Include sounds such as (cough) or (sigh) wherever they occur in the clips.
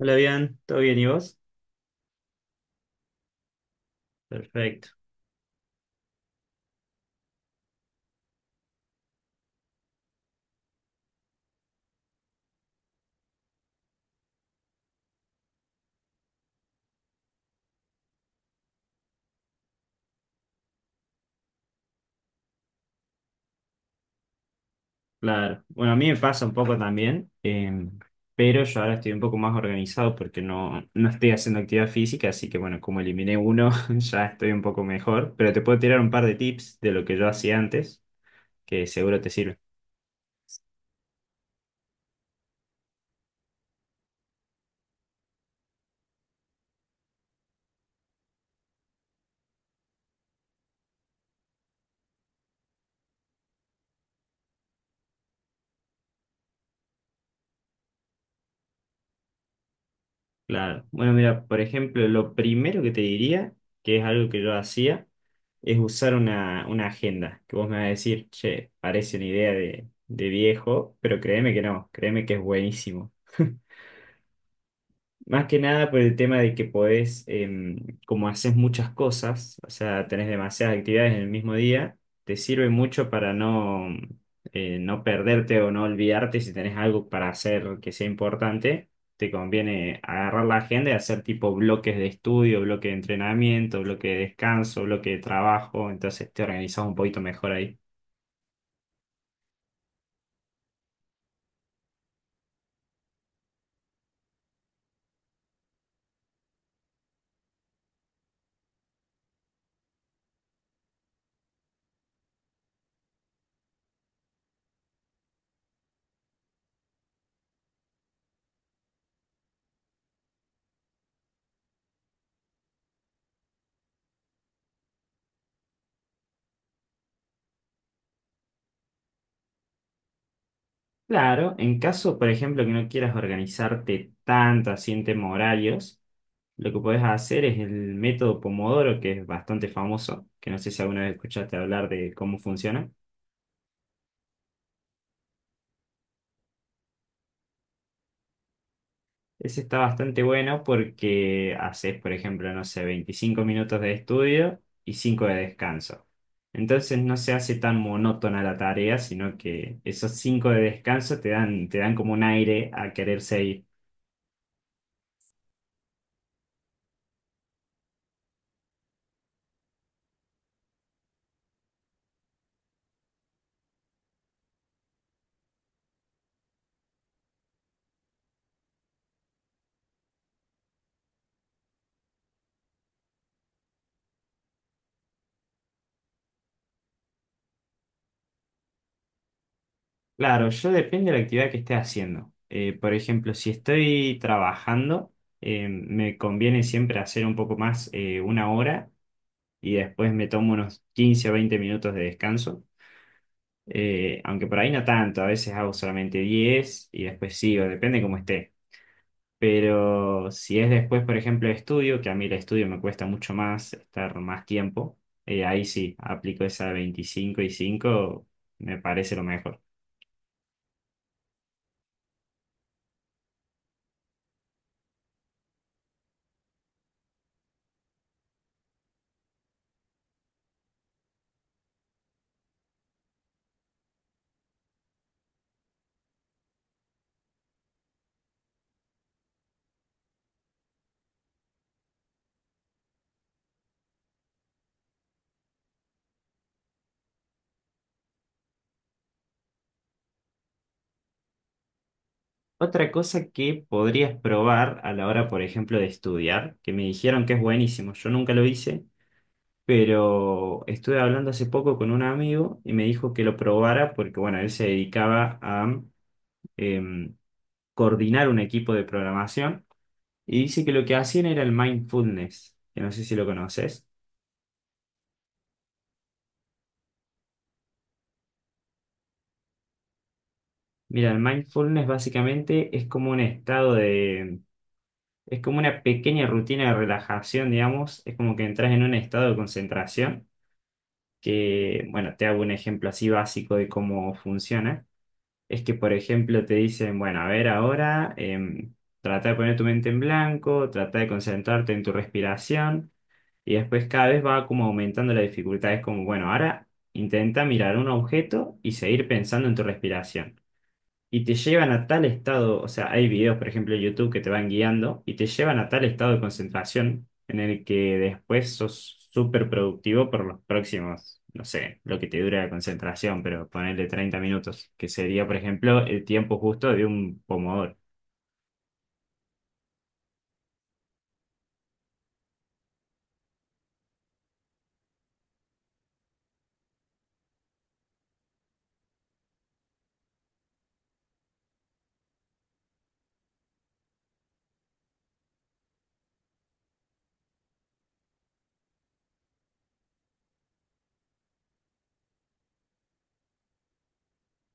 Hola, bien, ¿todo bien y vos? Perfecto, claro. Bueno, a mí me pasa un poco también, pero yo ahora estoy un poco más organizado porque no estoy haciendo actividad física, así que bueno, como eliminé uno, (laughs) ya estoy un poco mejor, pero te puedo tirar un par de tips de lo que yo hacía antes, que seguro te sirve. Claro. Bueno, mira, por ejemplo, lo primero que te diría, que es algo que yo hacía, es usar una agenda, que vos me vas a decir, che, parece una idea de viejo, pero créeme que no, créeme que es buenísimo. Más que nada por el tema de que podés, como haces muchas cosas, o sea, tenés demasiadas actividades en el mismo día, te sirve mucho para no perderte o no olvidarte si tenés algo para hacer que sea importante. Te conviene agarrar la agenda y hacer tipo bloques de estudio, bloque de entrenamiento, bloque de descanso, bloque de trabajo, entonces te organizás un poquito mejor ahí. Claro, en caso, por ejemplo, que no quieras organizarte tanto así en tema horarios. Lo que podés hacer es el método Pomodoro, que es bastante famoso, que no sé si alguna vez escuchaste hablar de cómo funciona. Ese está bastante bueno porque haces, por ejemplo, no sé, 25 minutos de estudio y 5 de descanso. Entonces no se hace tan monótona la tarea, sino que esos 5 de descanso te dan como un aire a querer seguir. Claro, yo depende de la actividad que esté haciendo. Por ejemplo, si estoy trabajando, me conviene siempre hacer un poco más, una hora y después me tomo unos 15 o 20 minutos de descanso. Aunque por ahí no tanto, a veces hago solamente 10 y después sigo, depende cómo esté. Pero si es después, por ejemplo, de estudio, que a mí el estudio me cuesta mucho más estar más tiempo, ahí sí, aplico esa 25 y 5 me parece lo mejor. Otra cosa que podrías probar a la hora, por ejemplo, de estudiar, que me dijeron que es buenísimo, yo nunca lo hice, pero estuve hablando hace poco con un amigo y me dijo que lo probara porque, bueno, él se dedicaba a em, coordinar un equipo de programación y dice que lo que hacían era el mindfulness, que no sé si lo conoces. Mira, el mindfulness básicamente es como un estado de... Es como una pequeña rutina de relajación, digamos, es como que entras en un estado de concentración, que, bueno, te hago un ejemplo así básico de cómo funciona. Es que, por ejemplo, te dicen, bueno, a ver ahora, trata de poner tu mente en blanco, trata de concentrarte en tu respiración y después cada vez va como aumentando la dificultad. Es como, bueno, ahora intenta mirar un objeto y seguir pensando en tu respiración y te llevan a tal estado, o sea, hay videos, por ejemplo, en YouTube que te van guiando y te llevan a tal estado de concentración en el que después sos súper productivo por los próximos, no sé, lo que te dure la concentración, pero ponerle 30 minutos, que sería, por ejemplo, el tiempo justo de un pomodoro.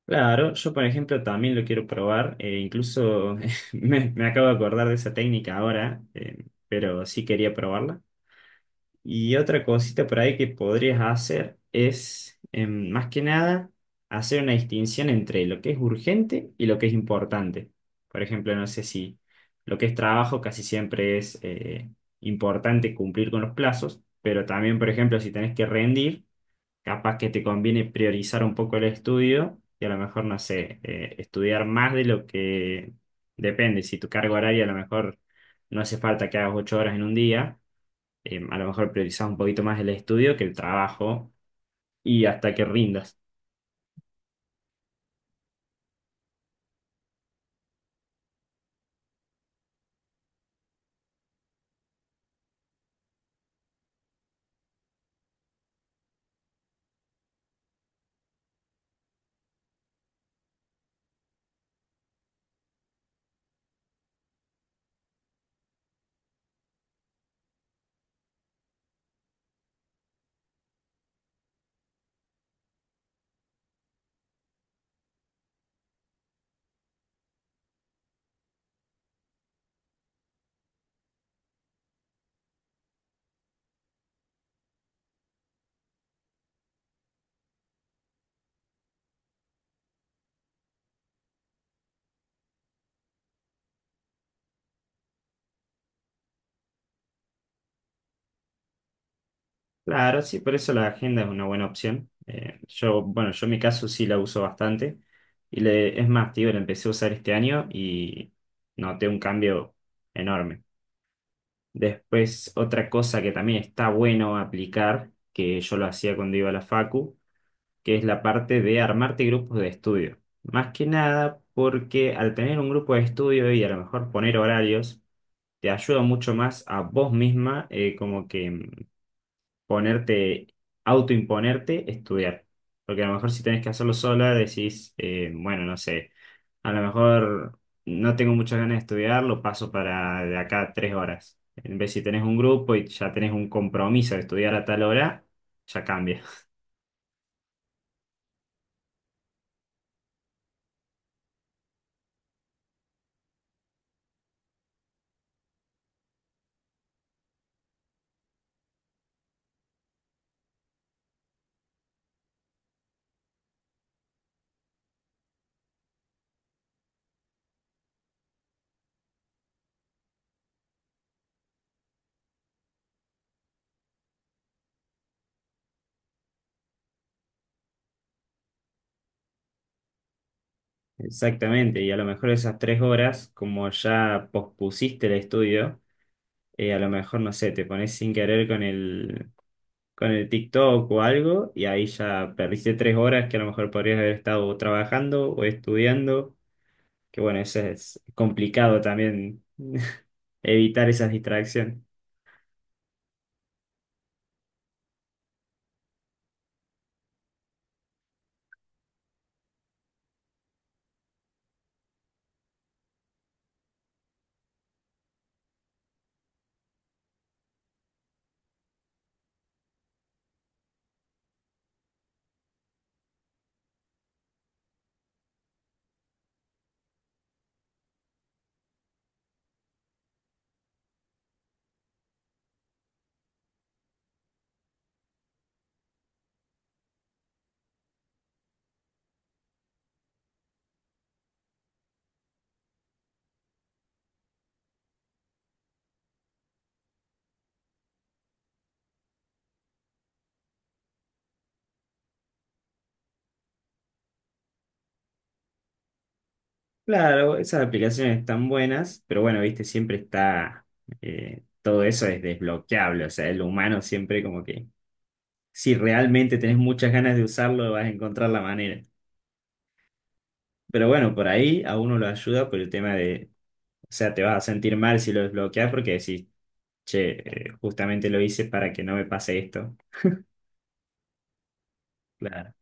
Claro, yo por ejemplo también lo quiero probar, incluso (laughs) me acabo de acordar de esa técnica ahora, pero sí quería probarla. Y otra cosita por ahí que podrías hacer es, más que nada, hacer una distinción entre lo que es urgente y lo que es importante. Por ejemplo, no sé si lo que es trabajo casi siempre es importante cumplir con los plazos, pero también, por ejemplo, si tenés que rendir, capaz que te conviene priorizar un poco el estudio y a lo mejor, no sé, estudiar más de lo que depende. Si tu carga horaria a lo mejor no hace falta que hagas 8 horas en un día, a lo mejor priorizás un poquito más el estudio que el trabajo y hasta que rindas. Claro, sí, por eso la agenda es una buena opción. Yo, bueno, yo en mi caso sí la uso bastante. Y es más, tío, la empecé a usar este año y noté un cambio enorme. Después, otra cosa que también está bueno aplicar, que yo lo hacía cuando iba a la facu, que es la parte de armarte grupos de estudio. Más que nada porque al tener un grupo de estudio y a lo mejor poner horarios, te ayuda mucho más a vos misma, como que ponerte, autoimponerte, estudiar. Porque a lo mejor si tenés que hacerlo sola, decís, bueno, no sé, a lo mejor no tengo muchas ganas de estudiar, lo paso para de acá a 3 horas. En vez si tenés un grupo y ya tenés un compromiso de estudiar a tal hora, ya cambia. (laughs) Exactamente, y a lo mejor esas 3 horas, como ya pospusiste el estudio, a lo mejor, no sé, te pones sin querer con el TikTok o algo y ahí ya perdiste 3 horas que a lo mejor podrías haber estado trabajando o estudiando, que bueno, eso es complicado también (laughs) evitar esas distracciones. Claro, esas aplicaciones están buenas, pero bueno, viste, siempre está, todo eso es desbloqueable, o sea, el humano siempre como que, si realmente tenés muchas ganas de usarlo, vas a encontrar la manera. Pero bueno, por ahí a uno lo ayuda por el tema de, o sea, te vas a sentir mal si lo desbloqueas porque decís, che, justamente lo hice para que no me pase esto. Claro.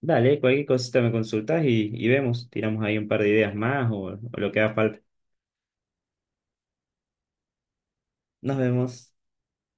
Dale, cualquier cosita me consultás y vemos. Tiramos ahí un par de ideas más o lo que haga falta. Nos vemos.